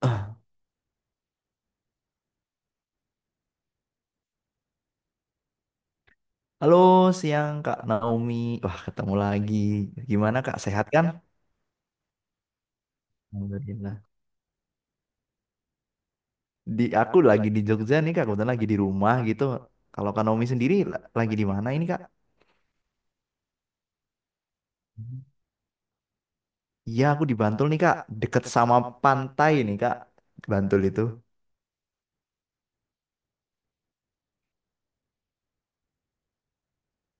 Ah, halo, siang Kak Naomi. Wah, ketemu lagi. Gimana Kak, sehat kan? Alhamdulillah. Aku lagi di Jogja nih Kak, kebetulan lagi di rumah gitu. Kalau Kak Naomi sendiri lagi di mana ini Kak? Iya, aku di Bantul nih Kak, deket sama pantai nih Kak. Bantul itu.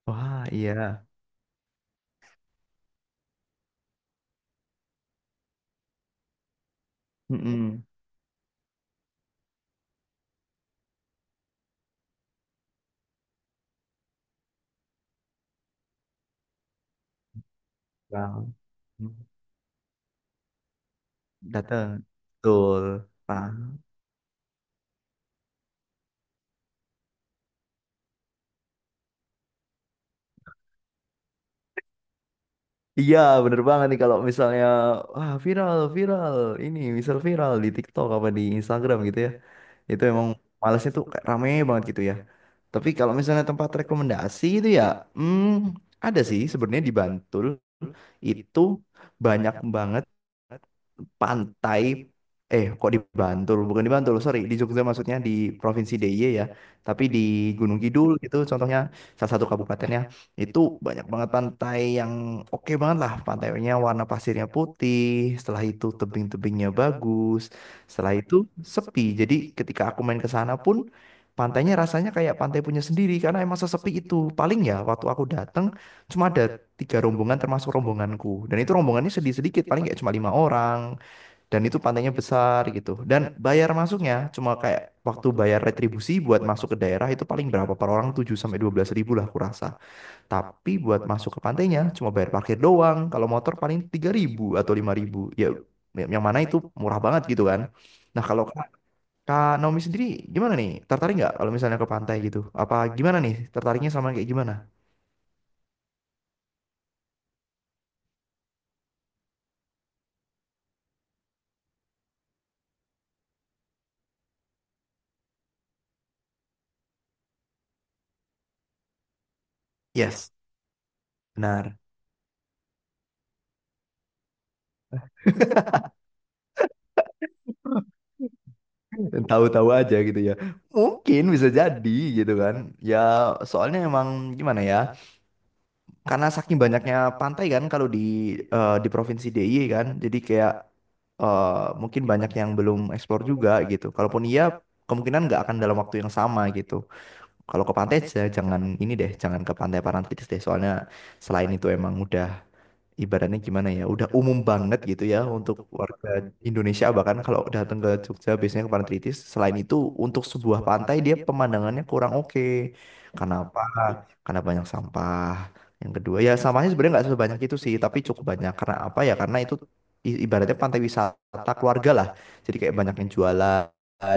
Wah, iya. Mm-mm. Bang, dateng. Betul. Nah, iya, bener banget nih kalau misalnya wah viral, viral. Ini misal viral di TikTok apa di Instagram gitu ya. Itu emang malesnya tuh kayak rame banget gitu ya. Tapi kalau misalnya tempat rekomendasi itu ya, hmm, ada sih sebenarnya di Bantul itu banyak banget pantai, eh kok di Bantul, bukan di Bantul, sorry di Jogja maksudnya, di Provinsi DIY ya, tapi di Gunung Kidul gitu contohnya, salah satu kabupatennya itu banyak banget pantai yang oke banget lah. Pantainya warna pasirnya putih, setelah itu tebing-tebingnya bagus, setelah itu sepi. Jadi ketika aku main ke sana pun pantainya rasanya kayak pantai punya sendiri, karena emang sesepi itu. Paling ya waktu aku dateng cuma ada tiga rombongan termasuk rombonganku, dan itu rombongannya sedih sedikit, paling kayak cuma lima orang, dan itu pantainya besar gitu. Dan bayar masuknya cuma kayak waktu bayar retribusi buat masuk ke daerah itu paling berapa per orang 7 sampai 12 ribu lah aku rasa. Tapi buat masuk ke pantainya cuma bayar parkir doang, kalau motor paling 3 ribu atau 5 ribu ya, yang mana itu murah banget gitu kan. Nah, kalau Kak Kak Naomi sendiri gimana nih, tertarik nggak kalau misalnya ke pantai gitu, apa gimana nih tertariknya sama kayak gimana? Yes. Benar, tahu-tahu aja gitu ya. Mungkin bisa jadi gitu kan. Ya, soalnya emang gimana ya? Karena saking banyaknya pantai kan, kalau di provinsi DIY kan jadi kayak eh, mungkin banyak yang belum eksplor juga gitu. Kalaupun iya kemungkinan nggak akan dalam waktu yang sama gitu. Kalau ke pantai aja, jangan ini deh, jangan ke Pantai Parantritis deh. Soalnya selain itu emang udah ibaratnya gimana ya, udah umum banget gitu ya untuk warga Indonesia. Bahkan kalau datang ke Jogja biasanya ke Pantai Tritis. Selain itu untuk sebuah pantai dia pemandangannya kurang oke. Kenapa? Karena banyak sampah. Yang kedua ya sampahnya sebenarnya nggak sebanyak itu sih, tapi cukup banyak. Karena apa ya? Karena itu ibaratnya pantai wisata keluarga lah. Jadi kayak banyak yang jualan,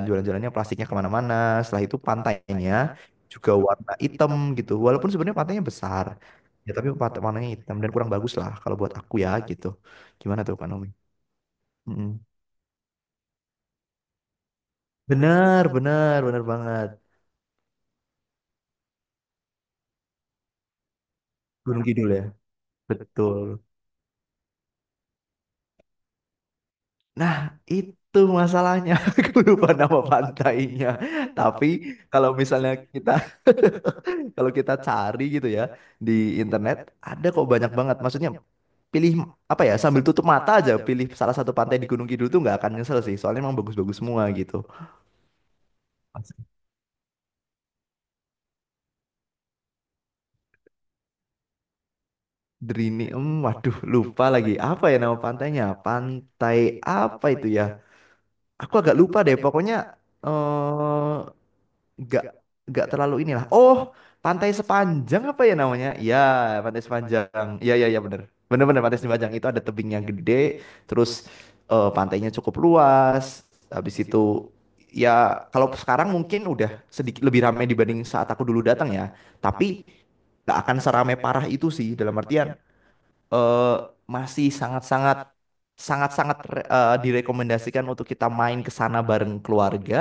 jualan-jualannya plastiknya kemana-mana. Setelah itu pantainya juga warna hitam gitu. Walaupun sebenarnya pantainya besar, ya tapi warnanya hitam dan kurang bagus lah kalau buat aku ya gitu. Gimana tuh Kak Nomi? Mm-mm. Benar, benar, benar banget. Gunung Kidul ya. Betul. Nah, itu masalahnya. Aku lupa nama pantainya. Tapi kalau misalnya kita, kalau kita cari gitu ya di internet, ada kok banyak banget. Maksudnya pilih, apa ya, sambil tutup mata aja pilih salah satu pantai di Gunung Kidul tuh nggak akan nyesel sih. Soalnya emang bagus-bagus semua gitu. Drini, waduh lupa lagi apa ya nama pantainya? Pantai apa itu ya? Aku agak lupa deh. Pokoknya eh nggak nggak terlalu inilah. Oh, Pantai Sepanjang, apa ya namanya? Ya, Pantai Sepanjang. Iya iya iya bener. Bener-bener, Pantai Sepanjang itu ada tebingnya gede, terus pantainya cukup luas. Habis itu ya kalau sekarang mungkin udah sedikit lebih ramai dibanding saat aku dulu datang ya. Tapi nggak akan seramai parah itu sih, dalam artian eh masih sangat-sangat direkomendasikan untuk kita main ke sana bareng keluarga,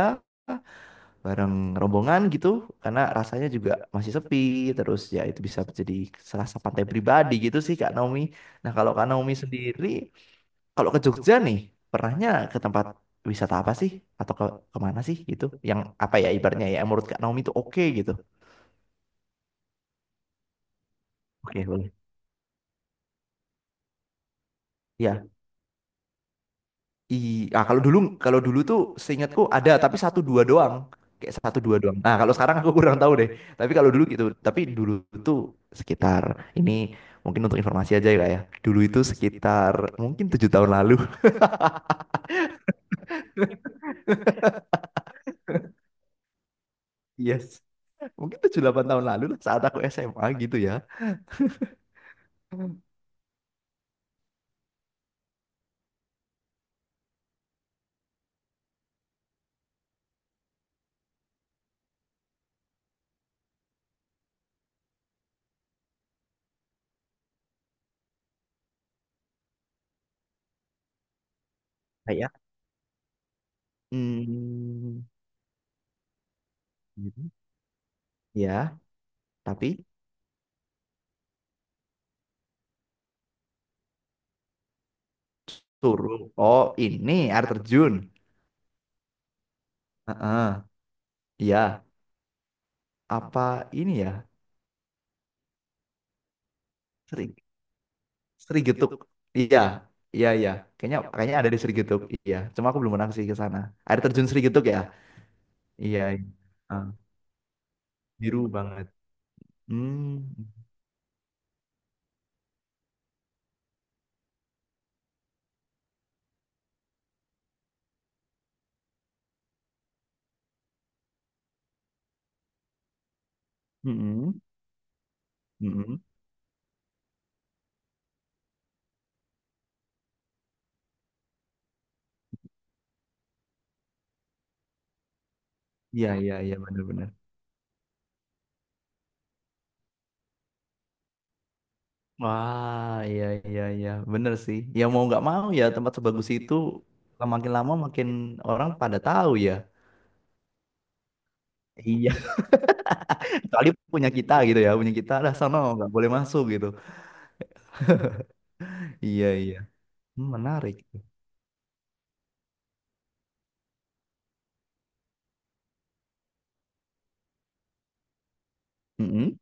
bareng rombongan gitu. Karena rasanya juga masih sepi, terus ya itu bisa jadi serasa pantai pribadi gitu sih Kak Naomi. Nah, kalau Kak Naomi sendiri kalau ke Jogja nih pernahnya ke tempat wisata apa sih, atau ke kemana sih gitu yang apa ya ibaratnya, ya menurut Kak Naomi itu oke gitu. Oke, boleh. Ya. I, ah kalau dulu tuh seingatku ada tapi satu dua doang. Kayak satu dua doang. Nah, kalau sekarang aku kurang tahu deh. Tapi kalau dulu gitu, tapi dulu tuh sekitar ini mungkin, untuk informasi aja ya Kak ya. Dulu itu sekitar mungkin 7 tahun lalu. Yes. Mungkin 7 8 tahun lalu lah saat aku SMA gitu ya. Kayak hmm, gitu. Ya, tapi suruh. Oh, ini air terjun. Heeh. Iya, apa ini ya? sering Sri Srigetuk. Iya, iya, iya. Kayaknya kayaknya ada di Sri Srigetuk. Iya, cuma aku belum pernah sih ke sana. Air terjun Srigetuk ya? Iya. Iya. Ah, biru banget. Hmm. Mm-mm. Mm-mm. Iya, iya, iya, bener-bener. Wah, iya, iya, iya, bener sih. Ya mau nggak mau ya, tempat sebagus itu makin lama makin orang pada tahu ya. Iya, kecuali punya kita gitu ya, punya kita lah, sono nggak boleh masuk gitu. Iya, iya. Hmm, menarik. Mm-mm.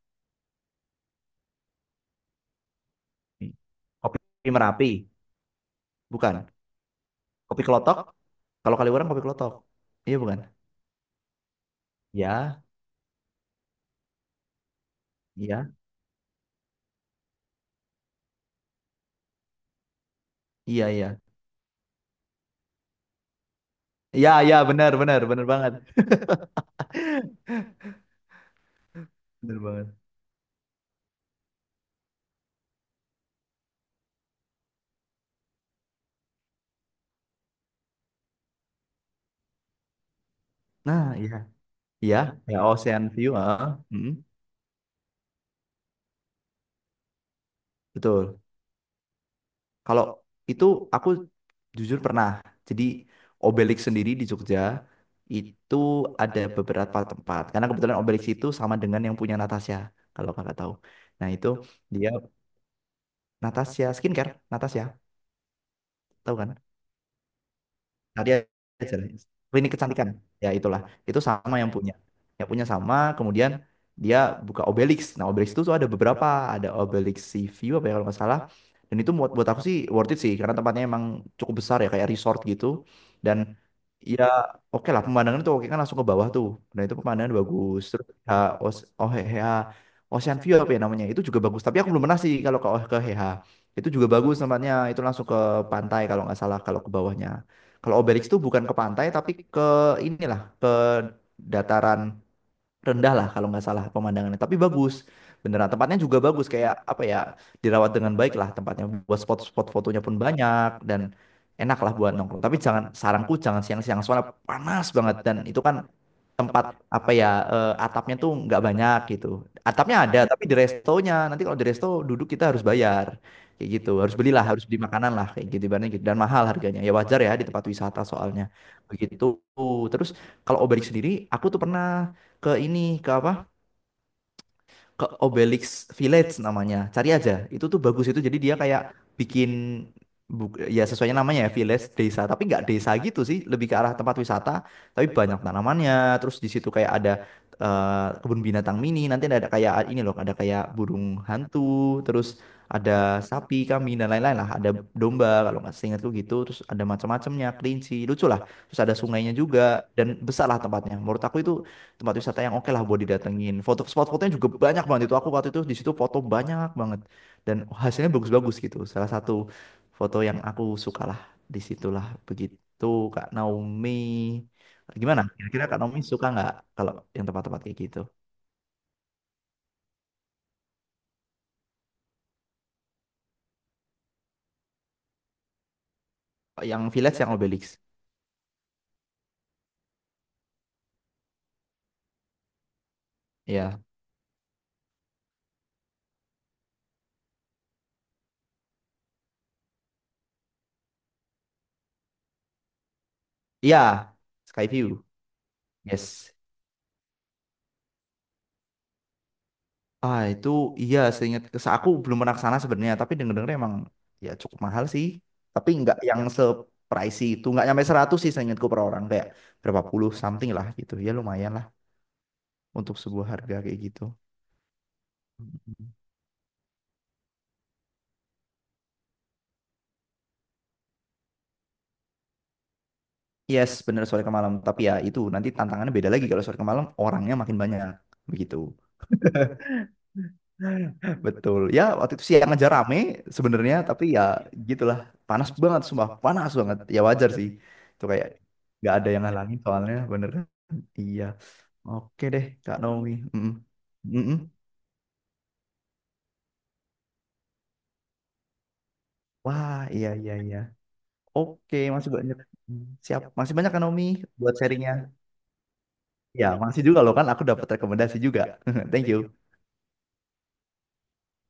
Kopi Merapi, bukan? Kopi Kelotok? Kalau kali orang Kopi Kelotok. Iya bukan? Ya, iya, iya, iya. Iya, iya, benar, benar, benar banget. Benar banget. Nah, iya. Iya, ya Ocean View, heeh. Mm, betul. Kalau itu aku jujur pernah. Jadi Obelix sendiri di Jogja itu ada beberapa tempat. Karena kebetulan Obelix itu sama dengan yang punya Natasha, kalau kakak tahu. Nah, itu dia, Natasha skincare, Natasha, tahu kan? Tadi aja lah. Klinik kecantikan. Ya itulah. Itu sama yang punya. Yang punya sama, kemudian dia buka Obelix. Nah, Obelix itu tuh ada beberapa, ada Obelix Sea View apa ya kalau nggak salah. Dan itu buat buat aku sih worth it sih, karena tempatnya emang cukup besar ya kayak resort gitu. Dan ya oke lah, pemandangan itu oke kan langsung ke bawah tuh. Nah, itu pemandangan bagus. Terus ya, Os, oh, ya, Ocean View apa ya namanya? Itu juga bagus. Tapi aku belum pernah sih kalau ke HH. Itu juga bagus tempatnya. Itu langsung ke pantai kalau nggak salah kalau ke bawahnya. Kalau Obelix itu bukan ke pantai tapi ke inilah, ke dataran rendah lah kalau nggak salah pemandangannya. Tapi bagus, beneran tempatnya juga bagus, kayak apa ya, dirawat dengan baik lah tempatnya. Buat spot-spot fotonya pun banyak dan enak lah buat nongkrong. Tapi jangan, saranku jangan siang-siang, soalnya panas banget dan itu kan tempat apa ya atapnya tuh nggak banyak gitu. Atapnya ada tapi di restonya, nanti kalau di resto duduk kita harus bayar kayak gitu. Harus belilah, harus beli makanan lah kayak gitu ibaratnya gitu dan mahal harganya. Ya wajar ya di tempat wisata soalnya. Begitu. Terus kalau Obalik sendiri aku tuh pernah ke ini ke apa, ke Obelix Village namanya. Cari aja. Itu tuh bagus itu. Jadi dia kayak bikin, ya sesuai namanya ya village, desa, tapi nggak desa gitu sih, lebih ke arah tempat wisata. Tapi banyak tanamannya. Terus di situ kayak ada kebun binatang mini. Nanti ada kayak ini loh, ada kayak burung hantu. Terus ada sapi, kambing dan lain-lain lah. Ada domba kalau nggak seingatku gitu. Terus ada macam-macamnya, kelinci, lucu lah. Terus ada sungainya juga dan besar lah tempatnya. Menurut aku itu tempat wisata yang oke lah buat didatengin. Foto spot fotonya juga banyak banget itu. Aku waktu itu di situ foto banyak banget dan hasilnya bagus-bagus gitu. Salah satu foto yang aku suka lah di situlah begitu Kak Naomi. Gimana? Kira-kira Kak Naomi suka nggak kalau yang tempat-tempat kayak gitu? Yang village yang Obelix. Iya. Iya, Skyview. Yes. Ah itu iya, seingat aku belum pernah ke sana sebenarnya, tapi denger-denger emang ya cukup mahal sih, tapi nggak yang se pricey itu, nggak nyampe 100 sih seingatku per orang, kayak berapa puluh something lah gitu, ya lumayan lah untuk sebuah harga kayak gitu. Mhm. Yes, bener sore ke malam, tapi ya itu nanti tantangannya beda lagi kalau sore ke malam orangnya makin banyak begitu. Betul. Ya, waktu itu siang aja rame sebenarnya, tapi ya gitulah. Panas banget, sumpah. Panas banget. Ya wajar sih. Itu kayak nggak ada yang ngalangin soalnya, bener kan? Iya. Oke deh, Kak Naomi. Mm-mm. Mm-mm. Wah, iya, iya, iya. Oke, masih banyak. Siap. Masih banyak, Kak Naomi, buat sharingnya. Ya, masih juga loh kan. Aku dapat rekomendasi juga. Thank you.